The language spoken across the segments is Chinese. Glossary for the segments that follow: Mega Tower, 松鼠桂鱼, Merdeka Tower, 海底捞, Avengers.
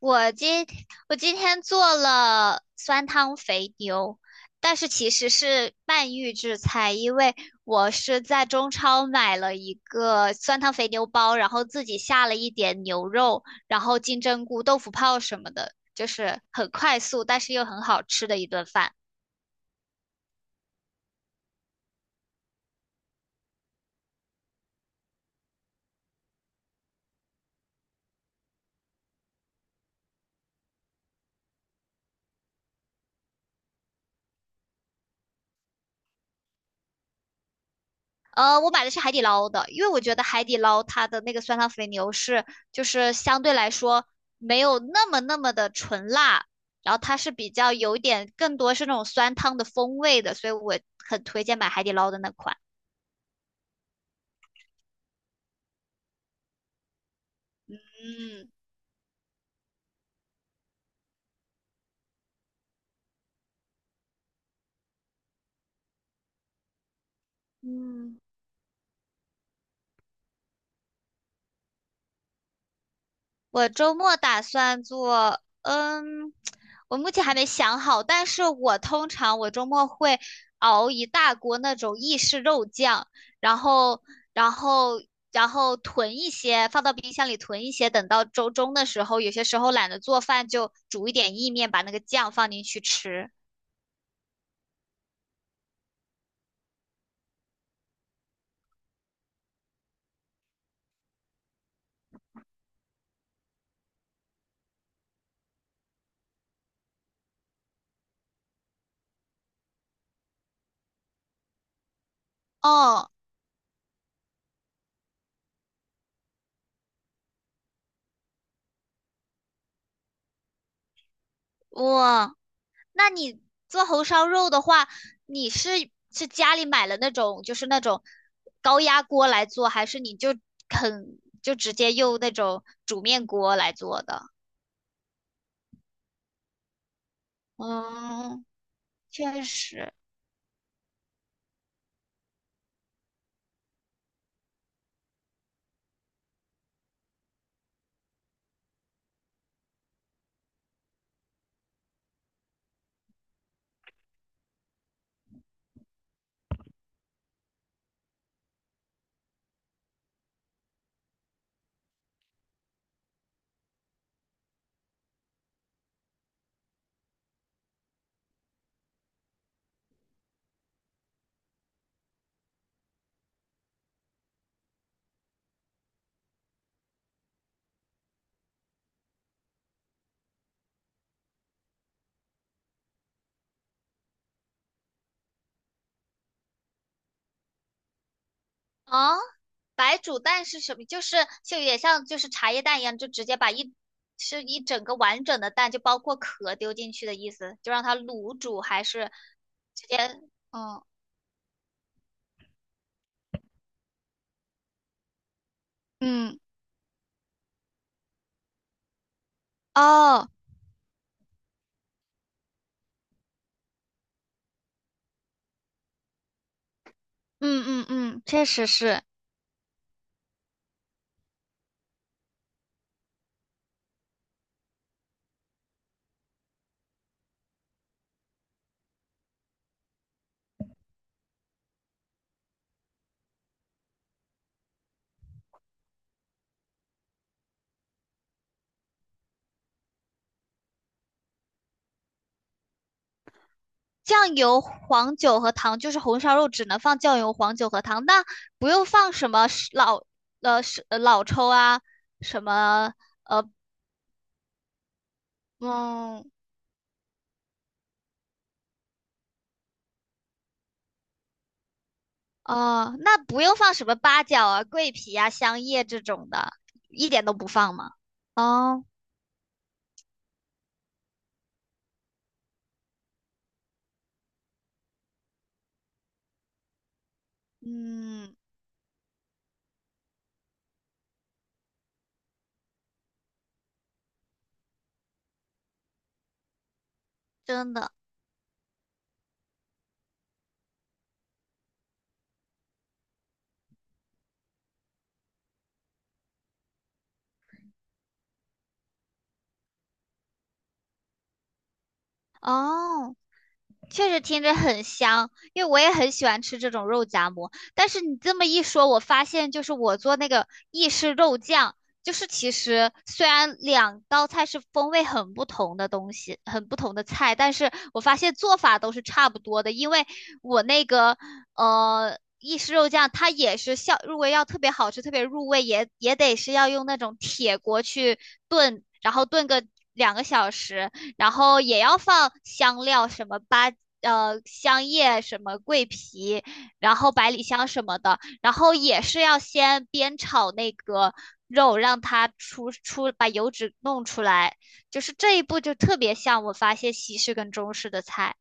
我今我今天做了酸汤肥牛，但是其实是半预制菜，因为我是在中超买了一个酸汤肥牛包，然后自己下了一点牛肉，然后金针菇、豆腐泡什么的，就是很快速，但是又很好吃的一顿饭。我买的是海底捞的，因为我觉得海底捞它的那个酸汤肥牛是，就是相对来说没有那么的纯辣，然后它是比较有一点更多是那种酸汤的风味的，所以我很推荐买海底捞的那款。嗯。嗯。我周末打算做，我目前还没想好，但是我通常我周末会熬一大锅那种意式肉酱，然后，然后，然后囤一些，放到冰箱里囤一些，等到周中的时候，有些时候懒得做饭，就煮一点意面，把那个酱放进去吃。哦，哇。那你做红烧肉的话，你是家里买了那种高压锅来做，还是你就直接用那种煮面锅来做的？嗯，确实，啊，白煮蛋是什么？就是有点像就是茶叶蛋一样，就直接把一整个完整的蛋，就包括壳丢进去的意思，就让它卤煮，还是直接，嗯嗯，哦，嗯嗯嗯，确实是。酱油、黄酒和糖，就是红烧肉只能放酱油、黄酒和糖，那不用放什么老抽啊，什么嗯哦，那不用放什么八角啊、桂皮啊、香叶这种的，一点都不放吗？哦，嗯，真的哦。确实听着很香，因为我也很喜欢吃这种肉夹馍。但是你这么一说，我发现就是我做那个意式肉酱，就是其实虽然2道菜是风味很不同的东西，很不同的菜，但是我发现做法都是差不多的。因为我那个意式肉酱，它也是效入味，如果要特别好吃、特别入味，也得是要用那种铁锅去炖，然后炖个2个小时。然后也要放香料，什么香叶、什么桂皮，然后百里香什么的，然后也是要先煸炒那个肉，让它把油脂弄出来，就是这一步就特别像我发现西式跟中式的菜。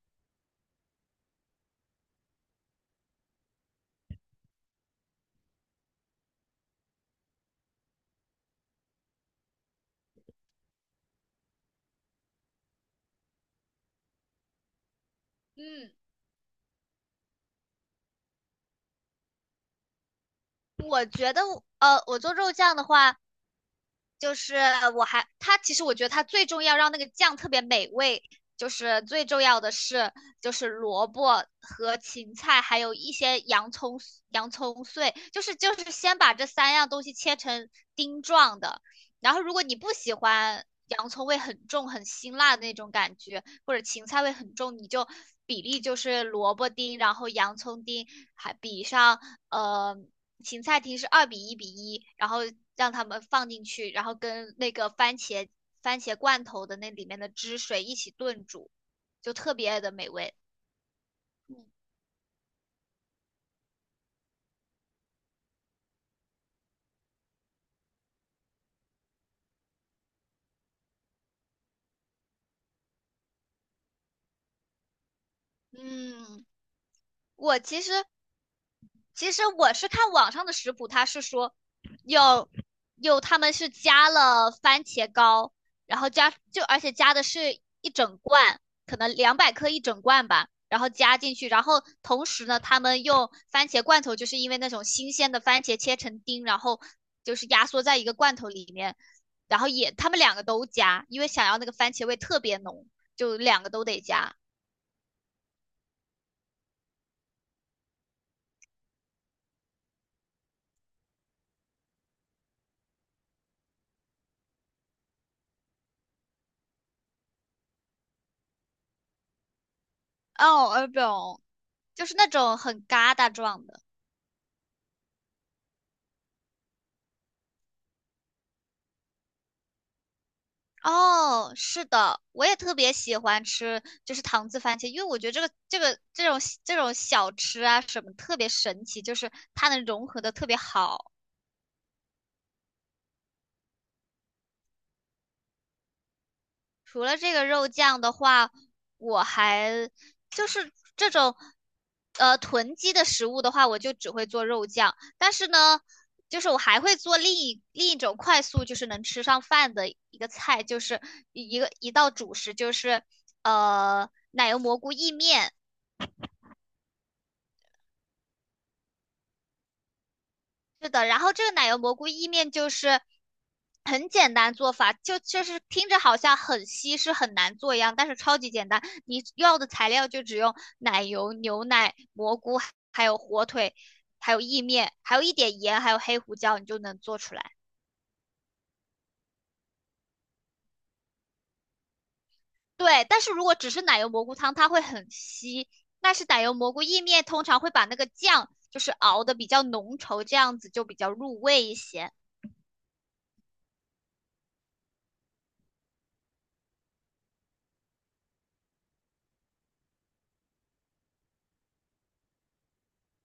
嗯，我觉得我做肉酱的话，就是我还它其实我觉得它最重要让那个酱特别美味，就是最重要的是就是萝卜和芹菜，还有一些洋葱碎，就是先把这3样东西切成丁状的，然后如果你不喜欢洋葱味很重很辛辣的那种感觉，或者芹菜味很重，你就比例就是萝卜丁，然后洋葱丁，还比上呃芹菜题是2:1:1，然后让他们放进去，然后跟那个番茄罐头的那里面的汁水一起炖煮，就特别的美味。嗯，嗯我其实我是看网上的食谱，它是说有他们是加了番茄膏，然后而且加的是一整罐，可能200克一整罐吧，然后加进去，然后同时呢，他们用番茄罐头，就是因为那种新鲜的番茄切成丁，然后就是压缩在一个罐头里面，然后他们2个都加，因为想要那个番茄味特别浓，就2个都得加。哦，耳饼，就是那种很疙瘩状的。哦，是的，我也特别喜欢吃，就是糖渍番茄，因为我觉得这种小吃啊什么特别神奇，就是它能融合的特别好。除了这个肉酱的话，我还就是这种呃囤积的食物的话，我就只会做肉酱。但是呢，就是我还会做另一种快速，就是能吃上饭的一个菜，就是一道主食，就是奶油蘑菇意面。是的，然后这个奶油蘑菇意面就是很简单做法，就是听着好像很稀是很难做一样，但是超级简单。你要的材料就只用奶油、牛奶、蘑菇，还有火腿，还有意面，还有一点盐，还有黑胡椒，你就能做出来。对，但是如果只是奶油蘑菇汤，它会很稀。但是奶油蘑菇意面通常会把那个酱就是熬的比较浓稠，这样子就比较入味一些。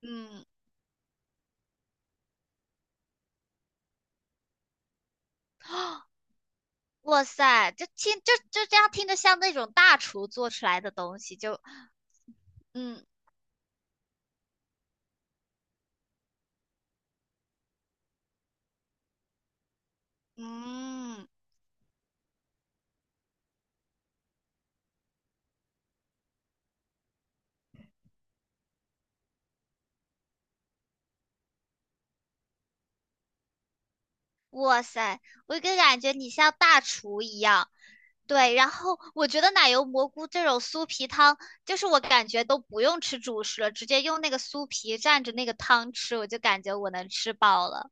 嗯。哇塞，就这样听着像那种大厨做出来的东西，就嗯嗯，哇塞，我就感觉你像大厨一样。对，然后我觉得奶油蘑菇这种酥皮汤，就是我感觉都不用吃主食了，直接用那个酥皮蘸着那个汤吃，我就感觉我能吃饱了。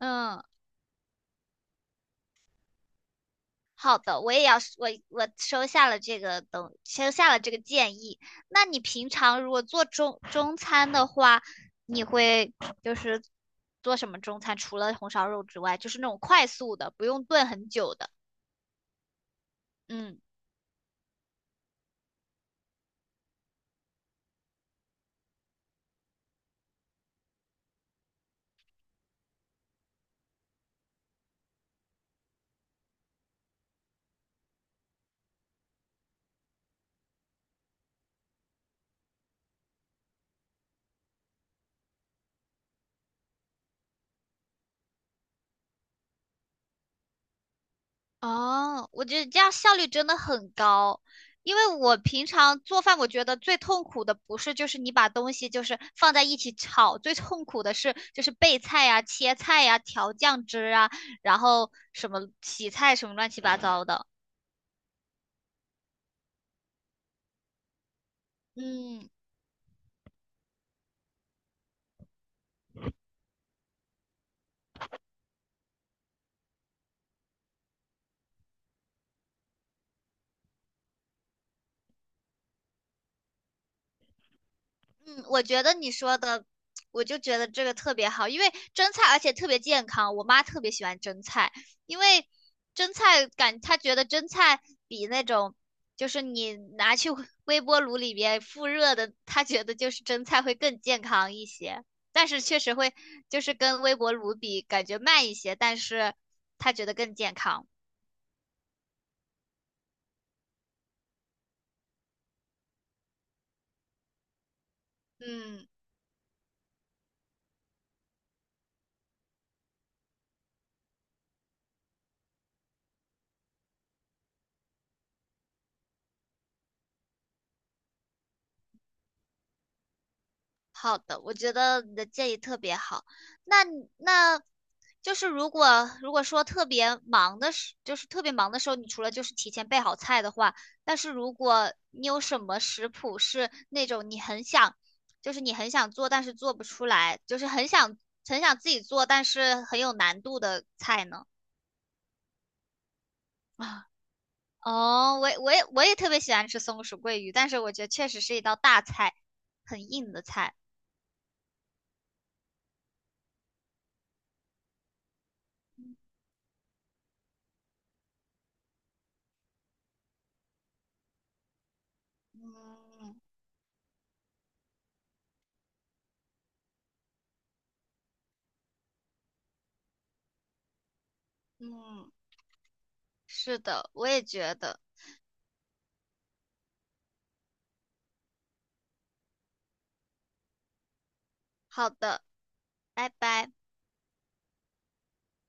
嗯。好的，我也要我我收下了这个建议。那你平常如果做中餐的话，你会就是做什么中餐？除了红烧肉之外，就是那种快速的，不用炖很久的。嗯。哦，我觉得这样效率真的很高，因为我平常做饭，我觉得最痛苦的不是就是你把东西就是放在一起炒，最痛苦的是就是备菜呀、切菜呀、调酱汁啊，然后什么洗菜什么乱七八糟的。嗯，嗯，我觉得你说的，我就觉得这个特别好，因为蒸菜而且特别健康。我妈特别喜欢蒸菜，因为蒸菜感她觉得蒸菜比那种就是你拿去微波炉里边复热的，她觉得就是蒸菜会更健康一些。但是确实会就是跟微波炉比，感觉慢一些，但是她觉得更健康。嗯，好的，我觉得你的建议特别好。那你那，就是如果说特别忙的时，就是特别忙的时候，你除了就是提前备好菜的话，但是如果你有什么食谱是那种你很想，就是你很想做但是做不出来，就是很想很想自己做但是很有难度的菜呢？啊，哦，我也特别喜欢吃松鼠桂鱼，但是我觉得确实是一道大菜，很硬的菜。嗯嗯。是的，我也觉得。好的，拜拜。